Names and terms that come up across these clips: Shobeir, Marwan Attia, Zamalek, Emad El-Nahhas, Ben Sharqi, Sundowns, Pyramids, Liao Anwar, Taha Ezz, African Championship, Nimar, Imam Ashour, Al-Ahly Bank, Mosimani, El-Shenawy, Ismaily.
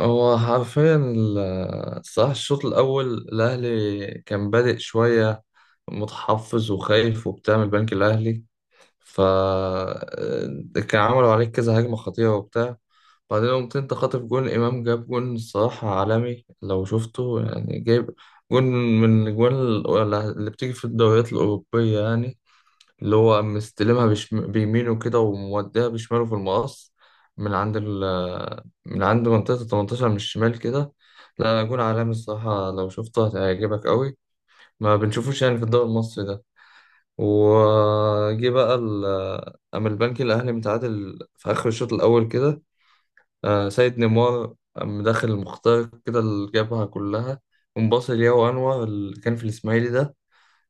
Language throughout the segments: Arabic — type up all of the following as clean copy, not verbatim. هو حرفيا الصراحة، الشوط الأول الأهلي كان بادئ شوية، متحفظ وخايف وبتاع من البنك الأهلي. ف كان عملوا عليك كذا هجمة خطيرة وبتاع. بعدين قمت أنت خاطف جون، إمام جاب جون الصراحة عالمي لو شفته، يعني جايب جون من الأجوان اللي بتيجي في الدوريات الأوروبية يعني، اللي هو مستلمها بيمينه كده وموديها بشماله في المقص، من عند ال... من عند منطقة التمنتاشر من الشمال كده. لا، جون عالمي الصراحة لو شفته هتعجبك قوي، ما بنشوفوش يعني في الدوري المصري ده. وجي بقى أما البنك الأهلي متعادل في آخر الشوط الأول كده. سيد نيمار قام داخل المخترق كده اللي جابها كلها، ومباصي لياو أنور اللي كان في الإسماعيلي ده،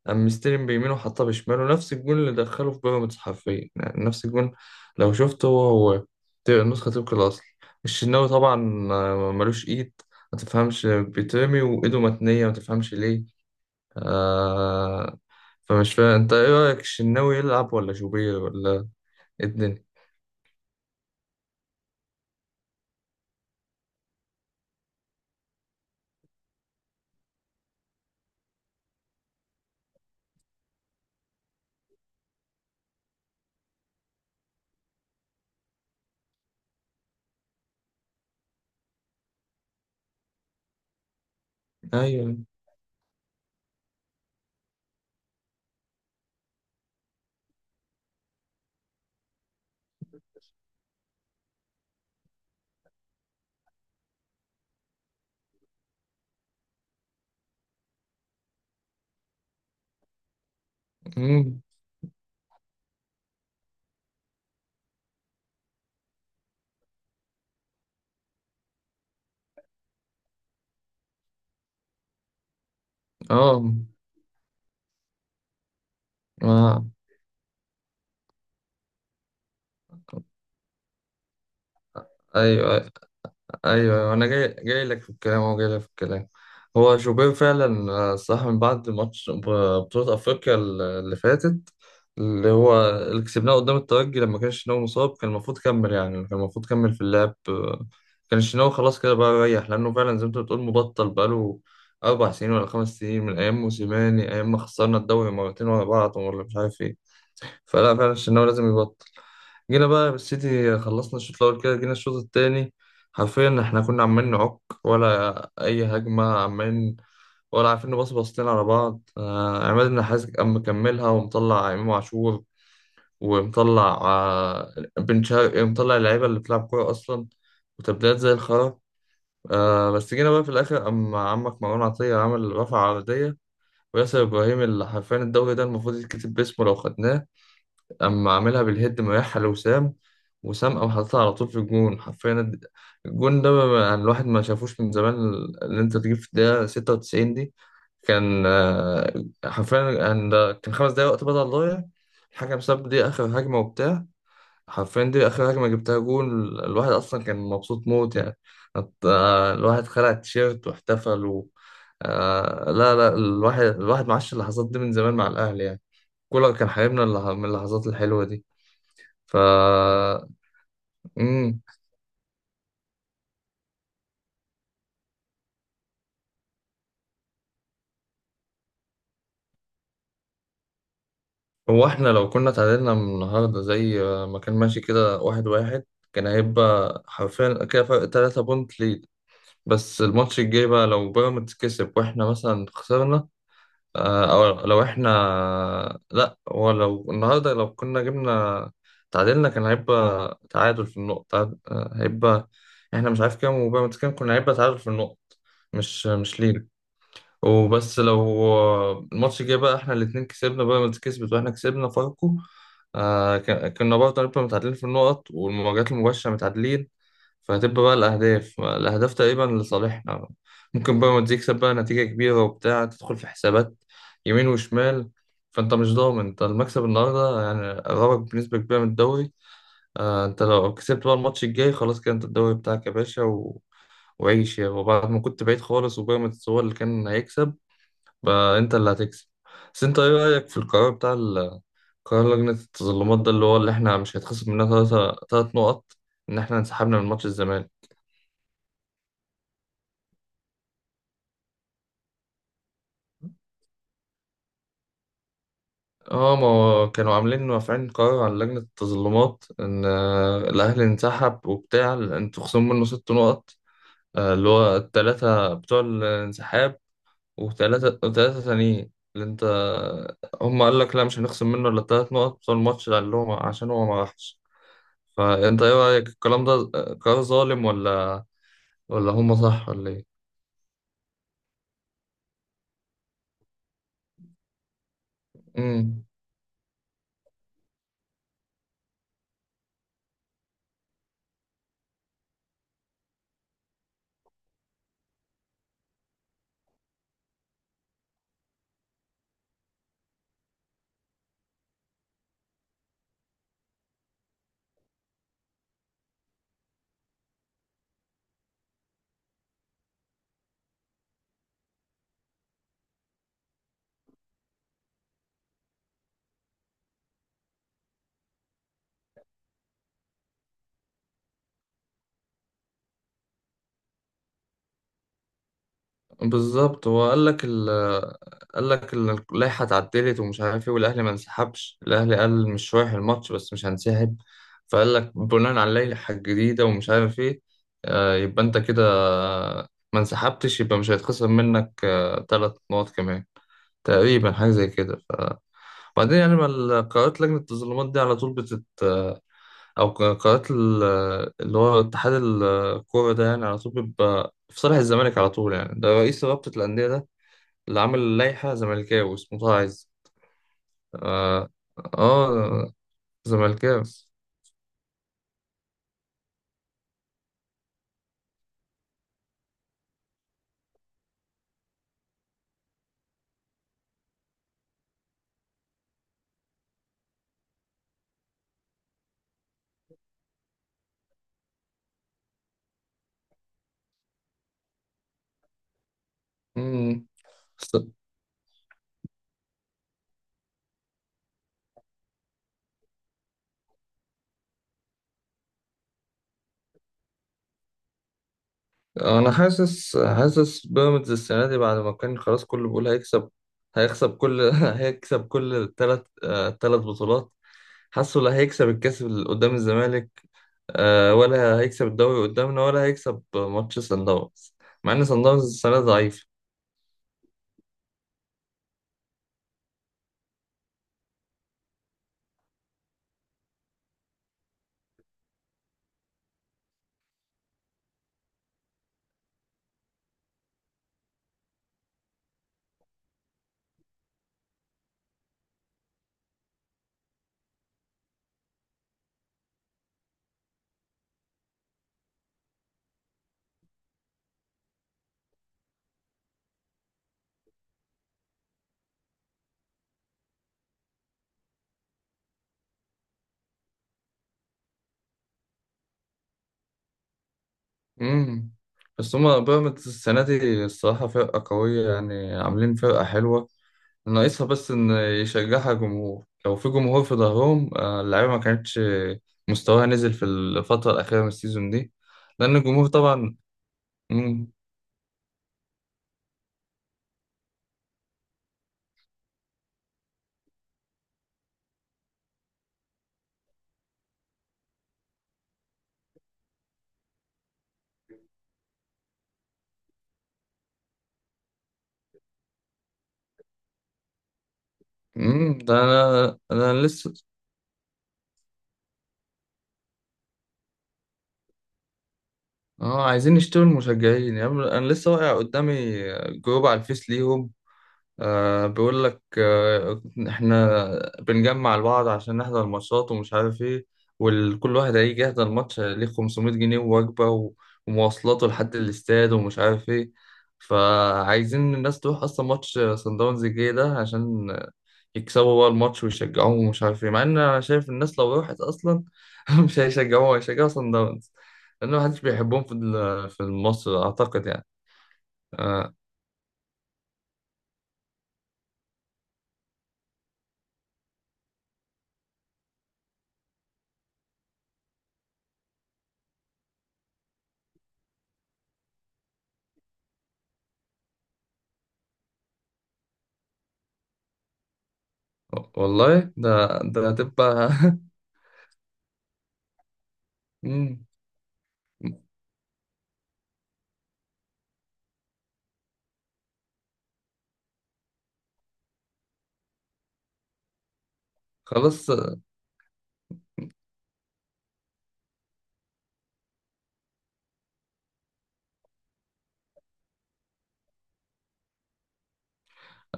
قام مستلم بيمينه وحطها بشماله، نفس الجون اللي دخله في بيراميدز، حرفيا يعني نفس الجون. لو شفته هو هو، نسخة طبق الأصل. الشناوي طبعا ملوش إيد، ما تفهمش بيترمي وإيده متنية، ما تفهمش ليه آه فمش فاهم أنت، إيه رأيك الشناوي يلعب ولا شوبير ولا إيه الدنيا؟ أيوه. أمم. آه، آه، أيوه، ايوه، أيوة، انا جاي لك في الكلام، هو جاي لك في الكلام. هو شوبير فعلا صح، من بعد ماتش بطولة افريقيا اللي فاتت، اللي هو اللي كسبناه قدام الترجي لما كان شناوي مصاب، كان المفروض كمل يعني كان المفروض كمل في اللعب. كان شناوي خلاص كده بقى ريح، لانه فعلا زي ما انت بتقول مبطل بقاله 4 سنين ولا 5 سنين، من ايام موسيماني، ايام ما خسرنا الدوري مرتين ورا بعض ولا مش عارف ايه. فلا، فعلا شناوي لازم يبطل. جينا بقى بالسيتي، خلصنا الشوط الأول كده، جينا الشوط التاني حرفيا احنا كنا عمالين نعك ولا أي هجمة، عمالين ولا عارفين نبص بصتين على بعض. عماد النحاس قام مكملها ومطلع إمام عاشور، ومطلع بن شرقي، ومطلع اللعيبة اللي بتلعب كورة أصلا، وتبديلات زي الخرا. بس جينا بقى في الآخر، قام عمك مروان عطية عمل رفع عرضية، وياسر إبراهيم اللي حرفيا الدوري ده المفروض يتكتب باسمه لو خدناه، اما عاملها بالهيد، مريحها لوسام، وسام او حاططها على طول في الجون، حرفيا الجون ده يعني الواحد ما شافوش من زمان، اللي انت تجيب في الدقيقة 96 دي. كان حرفيا كان 5 دقايق وقت بدل ضايع، الحكم ساب دي اخر هجمة وبتاع، حرفيا دي اخر هجمة جبتها جون، الواحد اصلا كان مبسوط موت يعني. الواحد خلع التيشيرت واحتفل و... لا لا، الواحد معاش اللحظات دي من زمان مع الاهلي يعني، كولر كان حبيبنا، من اللحظات الحلوة دي. ف. مم. هو احنا لو كنا تعادلنا من النهارده، زي ما كان ماشي كده 1-1، كان هيبقى حرفيا كده فرق 3 بونت ليد. بس الماتش الجاي بقى لو بيراميدز كسب واحنا مثلا خسرنا، او لو احنا... لا، هو لو النهارده لو كنا جبنا تعادلنا، كان هيبقى تعادل في النقطة، هيبقى احنا مش عارف كام وبيراميدز كام، كنا هيبقى تعادل في النقط، مش ليد. وبس لو الماتش الجاي بقى احنا الاتنين كسبنا، بيراميدز كسبت واحنا كسبنا فاركو، كنا برضه هنبقى متعادلين في النقط والمواجهات المباشرة متعادلين، فهتبقى بقى الأهداف تقريبا لصالحنا. ممكن بيراميدز يكسب بقى نتيجة كبيرة وبتاع تدخل في حسابات يمين وشمال، فأنت مش ضامن. أنت المكسب النهاردة يعني قربك بنسبة كبيرة من الدوري. أنت لو كسبت بقى الماتش الجاي خلاص كده، أنت الدوري بتاعك يا باشا و... وعيش يا، وبعد ما كنت بعيد خالص وبيراميدز هو اللي كان هيكسب، بقى انت اللي هتكسب. بس انت ايه رأيك في القرار بتاع قرار لجنة التظلمات ده، اللي هو اللي احنا مش هيتخصم مننا ثلاثة تلات نقط ان احنا انسحبنا من ماتش الزمالك؟ اه، ما هو كانوا عاملين رافعين قرار على لجنة التظلمات ان الاهلي انسحب وبتاع، انتوا خصموا منه 6 نقط، اللي هو التلاتة بتوع الانسحاب، وتلاتة تانيين اللي انت، هم قال لك لا مش هنخصم منه الا التلات نقط بتوع الماتش اللي هم عشان هو ما راحش. فانت ايه رايك الكلام ده، قرار ظالم ولا هم صح ولا ايه؟ امم. بالظبط، هو اللائحه اتعدلت ومش عارف ايه، والاهلي ما انسحبش، الاهلي قال مش رايح الماتش بس مش هنسحب. فقال لك بناء على اللائحه الجديده ومش عارف ايه، يبقى انت كده ما انسحبتش يبقى مش هيتخصم منك 3 نقط كمان، تقريبا حاجه زي كده. ف... وبعدين يعني ما قرارات لجنه التظلمات دي على طول بتت، قناه اللي هو اتحاد الكوره ده، يعني على طول بيبقى في صالح الزمالك على طول، يعني ده رئيس رابطه الانديه ده اللي عامل لائحه زملكاوي اسمه طه عز. اه، آه، زملكاوي. مم. بس انا حاسس بيراميدز السنه دي، بعد ما كان خلاص كله بيقول هيكسب، هيكسب كل هيكسب كل الثلاث بطولات. حاسه لا، هيكسب الكاس اللي قدام الزمالك، ولا هيكسب الدوري قدامنا، ولا هيكسب ماتش سان داونز، مع ان سان داونز السنه ضعيفه. امم. بس هما بيراميدز السنه دي الصراحه فرقه قويه، يعني عاملين فرقه حلوه، ناقصها بس ان يشجعها جمهور، لو في جمهور في ظهرهم، اللعيبه ما كانتش مستواها نزل في الفتره الاخيره من السيزون دي، لان الجمهور طبعا. مم. مم. ده انا لسه اه عايزين يشتروا المشجعين يعني، انا لسه واقع قدامي جروب على الفيس ليهم، أه بيقول لك أه، احنا بنجمع لبعض عشان نحضر الماتشات ومش عارف ايه، وكل واحد هيجي يحضر الماتش ليه 500 جنيه ووجبة ومواصلاته لحد الاستاد ومش عارف ايه، فعايزين الناس تروح اصلا ماتش صن داونز الجاي ده عشان يكسبوا بقى الماتش ويشجعوهم ومش عارف ايه، مع ان انا شايف الناس لو راحت اصلا مش هيشجعوها هيشجعوا صن داونز، لان محدش بيحبهم في في مصر اعتقد يعني. أه والله، ده هتبقى مم. خلاص.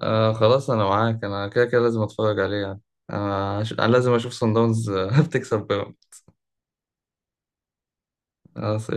آه خلاص انا معاك، انا كده كده لازم اتفرج عليه يعني، انا أنا لازم اشوف صن داونز بتكسب بيراميدز. آه،